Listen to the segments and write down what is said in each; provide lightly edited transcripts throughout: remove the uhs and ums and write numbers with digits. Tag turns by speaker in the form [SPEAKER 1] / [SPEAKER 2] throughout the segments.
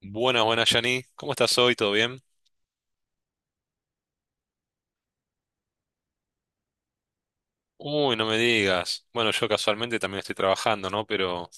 [SPEAKER 1] Buenas, buenas, Yani. ¿Cómo estás hoy? ¿Todo bien? Uy, no me digas. Bueno, yo casualmente también estoy trabajando, ¿no? Pero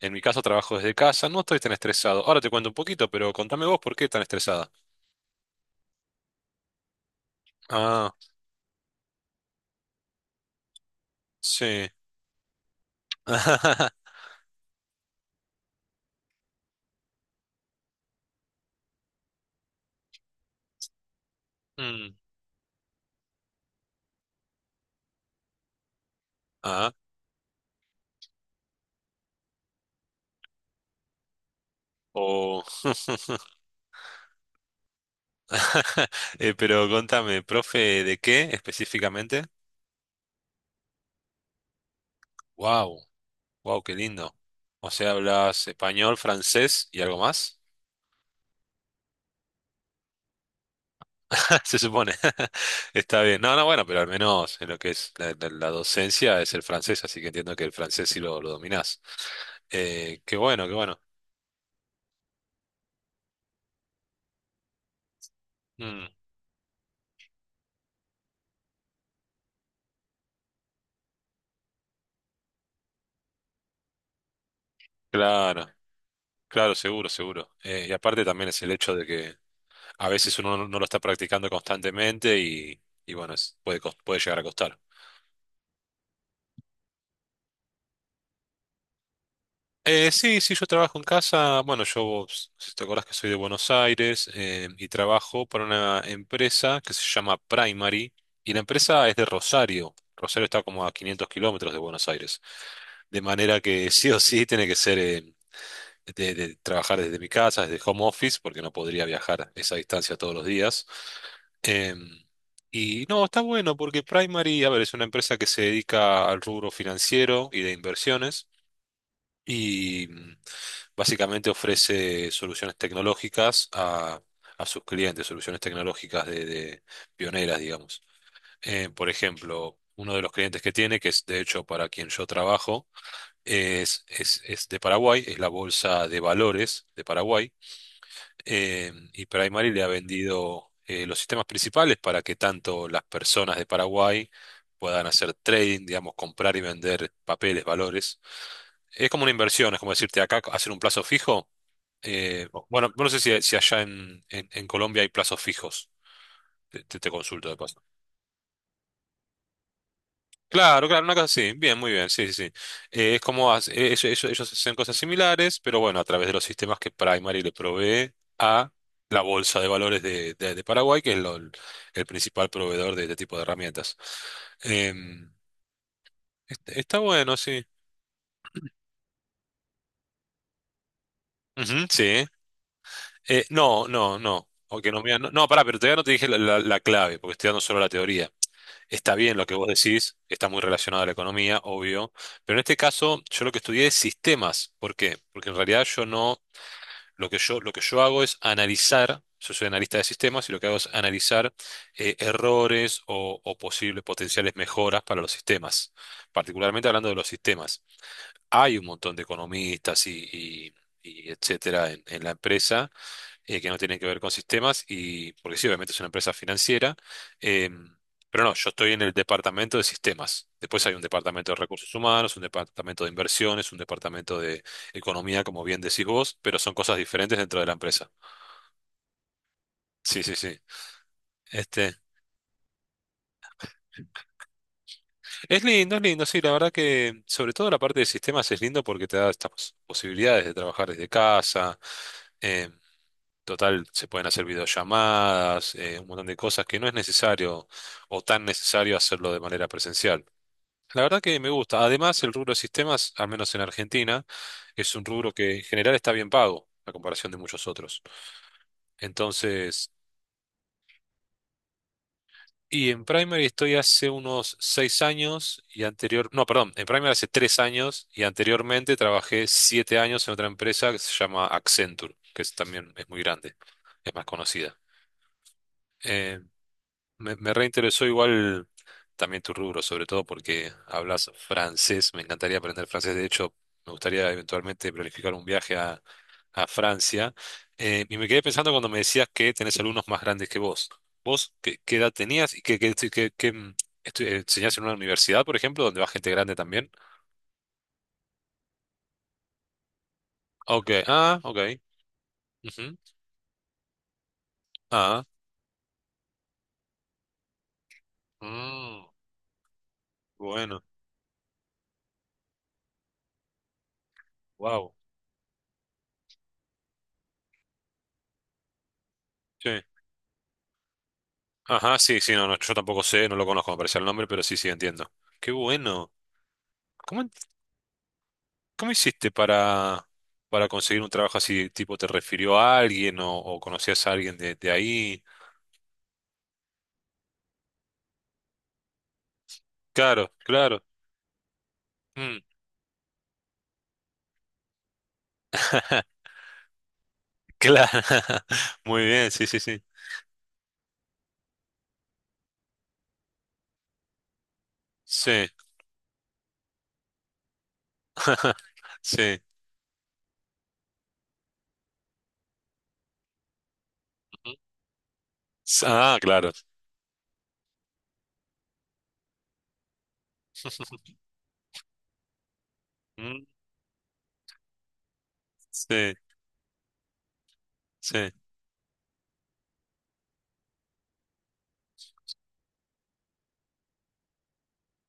[SPEAKER 1] en mi caso trabajo desde casa, no estoy tan estresado. Ahora te cuento un poquito, pero contame vos por qué tan estresada. Ah, sí. Mm, ah, o... pero contame, profe, ¿de qué específicamente? Wow, wow, qué lindo. O sea, hablas español, francés y algo más. Se supone. Está bien. No, no, bueno, pero al menos en lo que es la docencia es el francés, así que entiendo que el francés sí lo dominás. Qué bueno, qué bueno. Mm, claro, claro, seguro, seguro. Y aparte también es el hecho de que a veces uno no lo está practicando constantemente y bueno, puede llegar a costar. Sí, sí, yo trabajo en casa. Bueno, vos, si te acordás que soy de Buenos Aires, y trabajo para una empresa que se llama Primary y la empresa es de Rosario. Rosario está como a 500 kilómetros de Buenos Aires. De manera que sí o sí tiene que ser, de trabajar desde mi casa, desde home office, porque no podría viajar esa distancia todos los días. Em, y no, está bueno porque Primary, a ver, es una empresa que se dedica al rubro financiero y de inversiones y, básicamente ofrece soluciones tecnológicas a sus clientes, soluciones tecnológicas de pioneras, digamos. Por ejemplo, uno de los clientes que tiene, que es de hecho para quien yo trabajo, es de Paraguay, es la Bolsa de Valores de Paraguay, y Primary le ha vendido, los sistemas principales para que tanto las personas de Paraguay puedan hacer trading, digamos, comprar y vender papeles, valores. Es como una inversión, es como decirte acá hacer un plazo fijo. Bueno, no sé si allá en, en Colombia hay plazos fijos. Te consulto de paso. Claro, claro, una cosa así. Bien, muy bien, sí, sí, sí. Ellos hacen cosas similares, pero bueno, a través de los sistemas que Primary le provee a la bolsa de valores de Paraguay, que es el principal proveedor de este tipo de herramientas. Em, Está bueno, sí. Ujú, sí. No, no, no. Aunque no, mira, no, no, pará, pero todavía no te dije la clave, porque estoy dando solo la teoría. Está bien lo que vos decís, está muy relacionado a la economía, obvio, pero en este caso yo lo que estudié es sistemas. ¿Por qué? Porque en realidad yo no, lo que yo hago es analizar, yo soy analista de sistemas y lo que hago es analizar, errores o posibles potenciales mejoras para los sistemas, particularmente hablando de los sistemas. Hay un montón de economistas y etcétera en la empresa, que no tienen que ver con sistemas, y porque sí, obviamente es una empresa financiera, eh, pero no, yo estoy en el departamento de sistemas. Después hay un departamento de recursos humanos, un departamento de inversiones, un departamento de economía, como bien decís vos, pero son cosas diferentes dentro de la empresa. Sí, sí, sí. Este, es lindo, sí, la verdad que sobre todo la parte de sistemas es lindo porque te da estas posibilidades de trabajar desde casa. eh, Total, se pueden hacer videollamadas, un montón de cosas que no es necesario o tan necesario hacerlo de manera presencial. La verdad que me gusta. Además, el rubro de sistemas, al menos en Argentina, es un rubro que en general está bien pago a comparación de muchos otros. Entonces, y en Primary estoy hace unos 6 años y no, perdón, en Primary hace 3 años y anteriormente trabajé 7 años en otra empresa que se llama Accenture, también es muy grande, es más conocida. Eh, me reinteresó igual también tu rubro, sobre todo porque hablas francés. Me encantaría aprender francés. De hecho, me gustaría eventualmente planificar un viaje a Francia. Y me quedé pensando cuando me decías que tenés alumnos más grandes que vos. ¿Vos qué edad tenías y enseñás en una universidad, por ejemplo, donde va gente grande también? Ok, ah, ok. Ujú, ah, mm, bueno, wow. Sí. Ajá, sí, sí, no, no, yo tampoco sé, no lo conozco, me parece el nombre, pero sí, sí, entiendo. Qué bueno. ¿Cómo, cómo hiciste para conseguir un trabajo así? Tipo, ¿te refirió a alguien o conocías a alguien de ahí? Claro, claro. Mm. Claro. Muy bien, sí, sí, sí. Sí. Sí. Ujú. Ah, claro. Mm, sí, sí.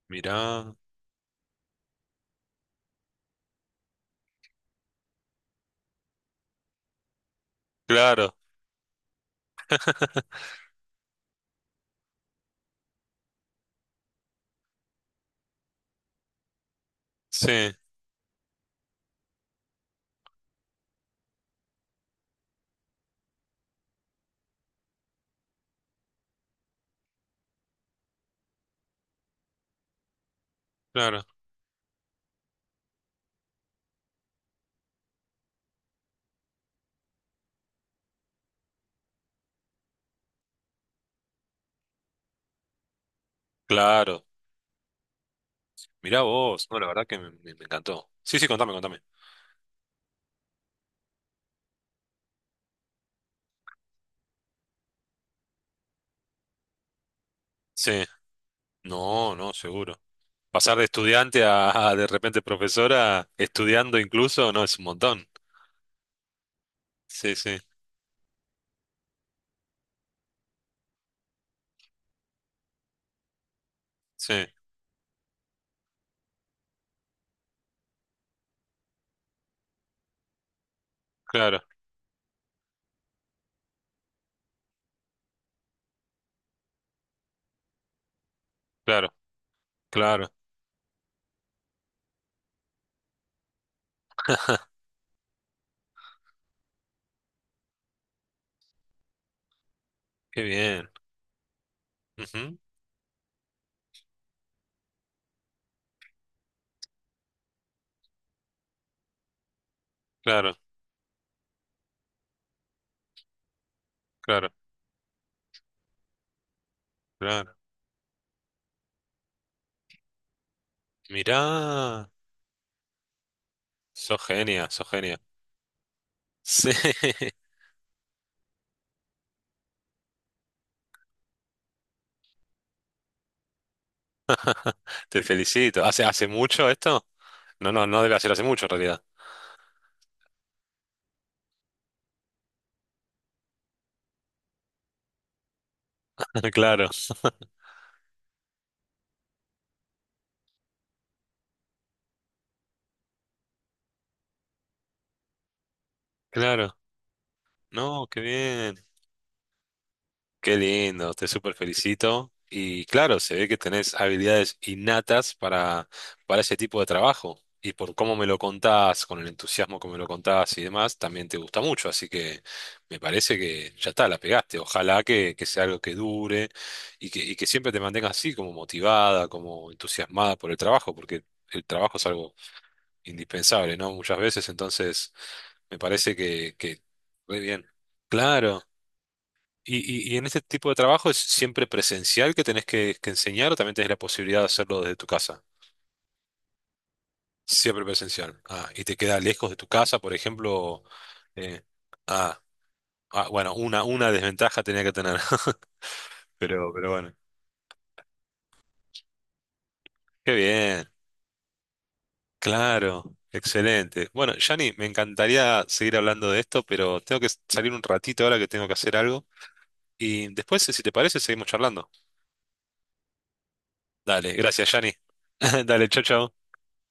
[SPEAKER 1] Mirá. Claro. Sí, claro. Claro. Mirá vos. No, la verdad que me encantó. Sí, sí, contame, contame. Sí. No, no, seguro. Pasar de estudiante a de repente profesora, estudiando incluso, no, es un montón. Sí, sí, sí, claro, claro, claro, qué bien. Ujú, claro, claro, claro. Mirá, sos genia, sos genia. Sí, te felicito. Hace mucho esto? No, no, no debe ser hace mucho en realidad. Claro, claro. No, qué bien. Qué lindo, te súper felicito. Y claro, se ve que tenés habilidades innatas para ese tipo de trabajo. Y por cómo me lo contás, con el entusiasmo que me lo contás y demás, también te gusta mucho. Así que me parece que ya está, la pegaste. Ojalá que sea algo que dure y que siempre te mantengas así, como motivada, como entusiasmada por el trabajo, porque el trabajo es algo indispensable, ¿no? Muchas veces, entonces me parece que, muy bien. Claro. Y en este tipo de trabajo es siempre presencial que tenés que enseñar o también tenés la posibilidad de hacerlo desde tu casa. Siempre presencial. Ah, y te queda lejos de tu casa, por ejemplo. eh, ah, ah, bueno, una desventaja tenía que tener. Pero bueno. Qué bien. Claro. Excelente. Bueno, Yanni, me encantaría seguir hablando de esto, pero tengo que salir un ratito ahora que tengo que hacer algo. Y después, si te parece, seguimos charlando. Dale, gracias, Yanni. Dale, chau, chau.